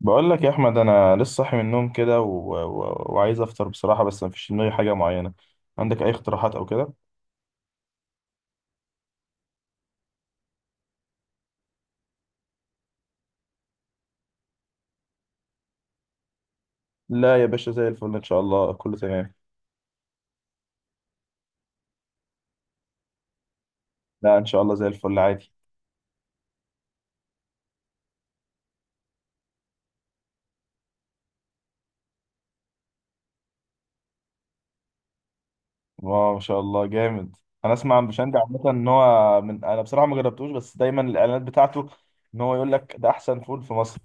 بقول لك يا احمد، انا لسه صاحي من النوم كده و... و... وعايز افطر بصراحه، بس مفيش في دماغي حاجه معينه. عندك اي اقتراحات او كده؟ لا يا باشا، زي الفل ان شاء الله، كله تمام. لا ان شاء الله زي الفل عادي. واو، ما شاء الله جامد. انا اسمع عن بشنجة عامه ان هو، من انا بصراحه ما جربتوش، بس دايما الاعلانات بتاعته ان هو يقول لك ده احسن فول في مصر.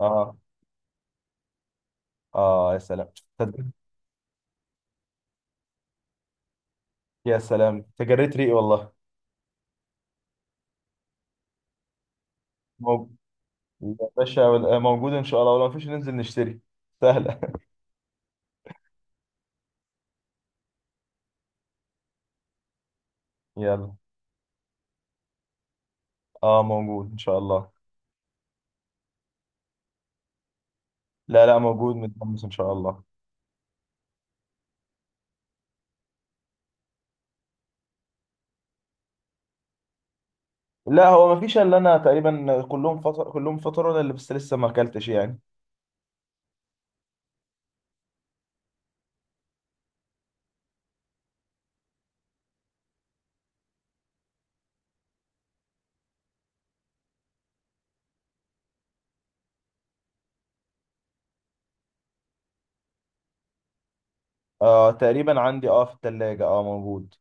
اه. اه يا سلام. تصدق؟ يا سلام، تجريت ريقي والله. موجود يا باشا، موجود ان شاء الله، ولو مفيش ننزل نشتري. سهله. يلا. اه موجود ان شاء الله. لا لا، موجود متحمس ان شاء الله. لا هو ما فيش الا انا تقريبا، كلهم فطر، كلهم فطروا، انا اللي بس لسه ما اكلتش يعني. آه تقريبا عندي، اه في الثلاجة، اه موجود.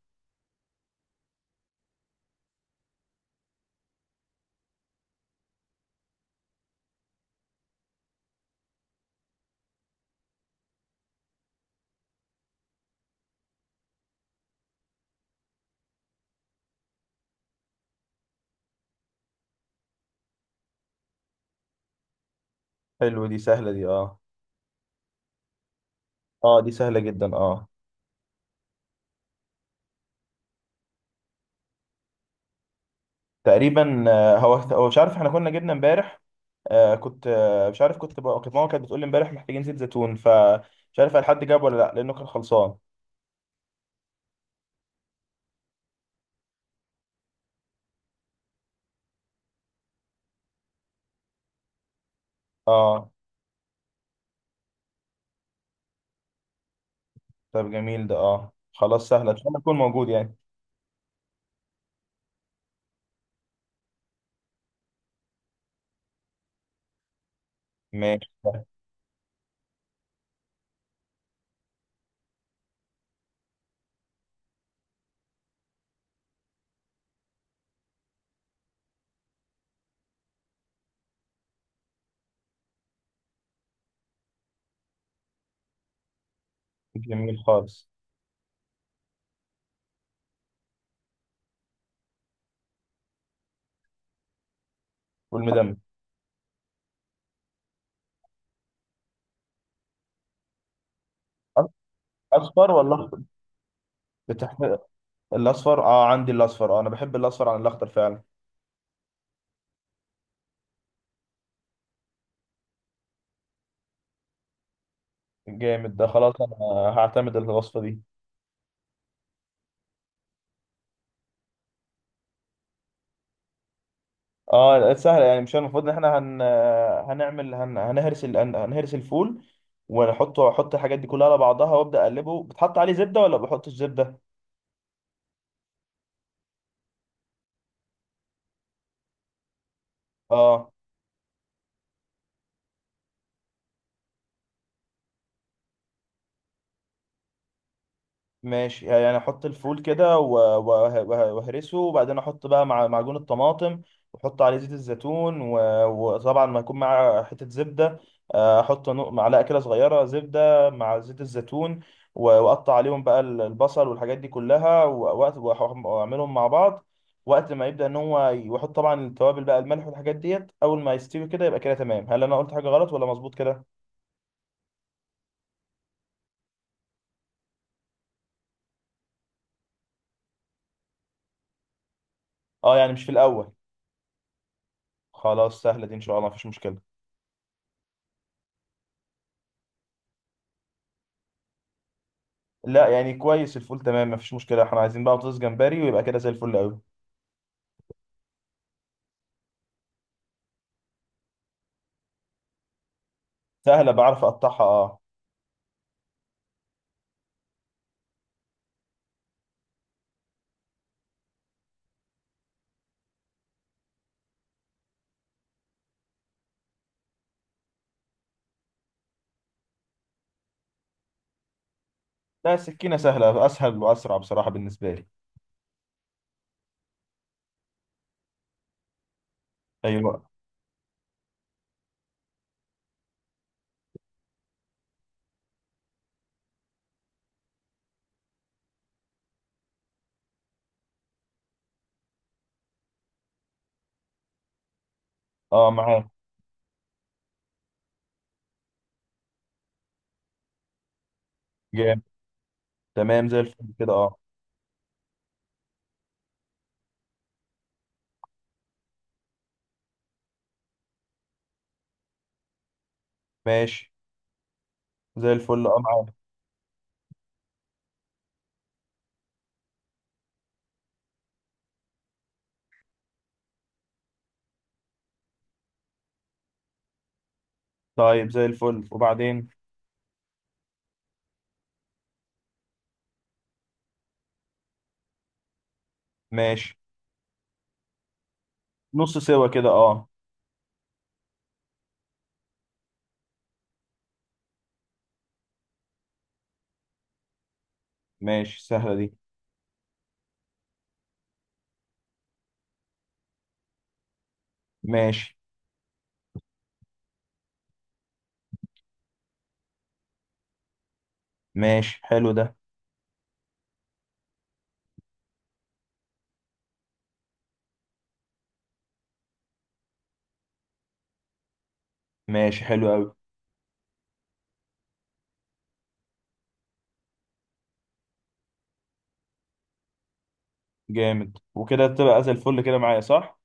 حلو، دي سهلة دي اه. اه دي سهلة جدا اه. تقريبا آه، هو مش عارف، احنا كنا جبنا امبارح. آه كنت، آه مش عارف، كنت بقى كانت ماما كانت بتقول لي امبارح محتاجين زيت زيتون، فمش عارف هل حد جاب ولا لا، لانه كان خلصان. اه. طب جميل ده، اه خلاص سهلة ان شاء الله يكون موجود يعني. ماشي. جميل خالص. والمدمس. أص- أصفر ولا أخضر؟ بتحب الاصفر؟ اه عندي الاصفر، اه انا بحب الاصفر عن الاخضر فعلا. جامد ده، خلاص انا هعتمد الوصفه دي. اه لقيت سهله يعني، مش المفروض ان احنا هن... هنعمل هن... هنهرس ال... هن- هنهرس الفول ونحطه، احط الحاجات دي كلها على بعضها وابدا اقلبه؟ بتحط عليه زبده ولا بحطش زبده؟ اه ماشي، يعني احط الفول كده و واهرسه وبعدين احط بقى مع معجون الطماطم، واحط عليه زيت الزيتون، وطبعا ما يكون معاه حتة زبدة. آه، احط معلقة كده صغيرة زبدة مع زيت الزيتون، واقطع عليهم بقى البصل والحاجات دي كلها، و واعملهم مع بعض وقت ما يبدأ ان هو واحط طبعا التوابل بقى، الملح والحاجات ديت، اول ما يستوي كده يبقى كده تمام. هل انا قلت حاجة غلط ولا مظبوط كده؟ اه، يعني مش في الاول. خلاص سهلة دي ان شاء الله، مفيش مشكلة. لا يعني كويس، الفول تمام مفيش مشكله، احنا عايزين بقى بطاطس جمبري ويبقى كده زي الفل قوي. سهله، بعرف اقطعها اه. لا السكينه سهله، اسهل واسرع بصراحه بالنسبه لي. ايوه. اه معاك. جامد. تمام زي الفل كده اه. ماشي. زي الفل اه معاك. طيب زي الفل. وبعدين؟ ماشي. نص سوا كده اه. ماشي سهله دي. ماشي. ماشي حلو ده. ماشي حلو قوي. جامد، وكده تبقى زي الفل كده معايا صح؟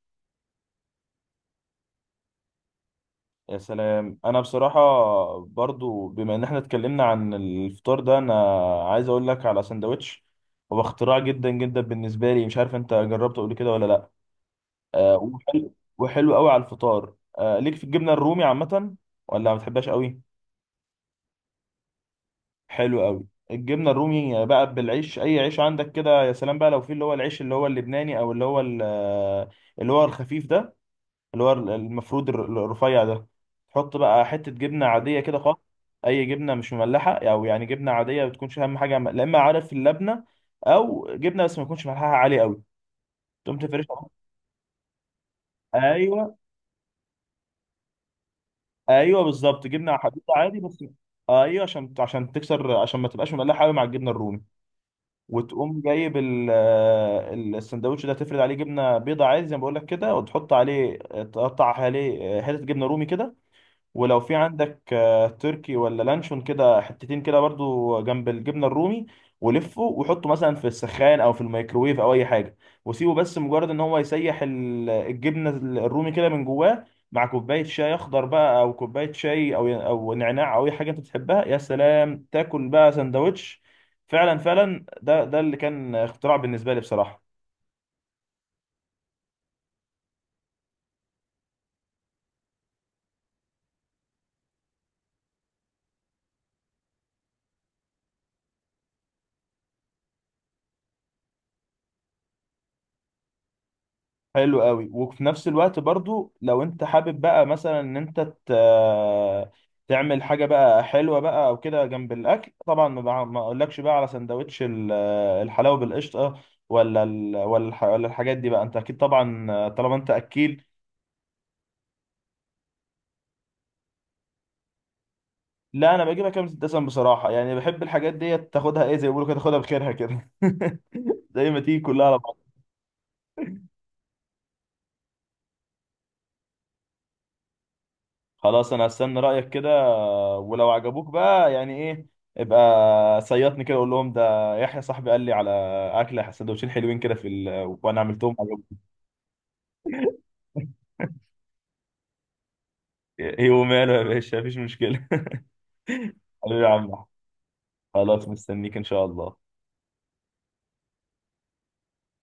يا سلام، انا بصراحه برضو بما ان احنا اتكلمنا عن الفطار ده، انا عايز اقول لك على سندوتش هو اختراع جدا جدا بالنسبه لي، مش عارف انت جربته قبل كده ولا لا. آه وحلو، وحلو قوي على الفطار. آه ليك في الجبنه الرومي عامه ولا ما بتحبهاش قوي؟ حلو قوي. الجبنه الرومي بقى بالعيش، اي عيش عندك كده، يا سلام بقى لو في اللي هو العيش اللي هو اللبناني، او اللي هو آه، اللي هو الخفيف ده، اللي هو المفروض الرفيع ده. تحط بقى حتة جبنة عادية كده خالص. أي جبنة مش مملحة، أو يعني جبنة عادية ما بتكونش أهم حاجة لا، إما عارف اللبنة، أو جبنة بس ما تكونش ملحها عالي أوي. تقوم تفرشها. أيوه. أيوه بالظبط، جبنة حبيبة عادي بس. أيوه، عشان تكسر، عشان ما تبقاش مملحة أوي مع الجبنة الرومي. وتقوم جايب السندوتش ده، تفرد عليه جبنة بيضة عادي زي ما بقول لك كده، وتحط عليه، تقطع عليه حتة جبنة رومي كده. ولو في عندك آه، تركي ولا لانشون كده حتتين كده برضو جنب الجبنه الرومي، ولفه وحطه مثلا في السخان او في الميكروويف او اي حاجه، وسيبه بس مجرد ان هو يسيح الجبنه الرومي كده من جواه، مع كوبايه شاي اخضر بقى، او كوبايه شاي، او نعناع او اي حاجه انت بتحبها. يا سلام تاكل بقى سندوتش! فعلا فعلا ده، ده اللي كان اختراع بالنسبه لي بصراحه. حلو قوي. وفي نفس الوقت برضو لو انت حابب بقى مثلا ان انت ت- تعمل حاجه بقى حلوه بقى او كده جنب الاكل، طبعا ما اقولكش بقى على سندوتش الحلاوه بالقشطه، ولا الحاجات دي بقى، انت اكيد طبعا طالما انت اكيل. لا انا بجيبها كام دسم بصراحه، يعني بحب الحاجات دي تاخدها ايه، زي ما بيقولوا كده، تاخدها بخيرها كده زي ما تيجي كلها على بعض. خلاص انا هستنى رايك كده، ولو عجبوك بقى يعني ايه، ابقى صيطني كده، قول لهم ده يحيى صاحبي قال لي على اكله سندوتشين حلوين كده في ال... وانا عملتهم عجبوك. ايه وماله يا باشا، مفيش مشكله. حبيبي يا عم أحمد. خلاص مستنيك ان شاء الله.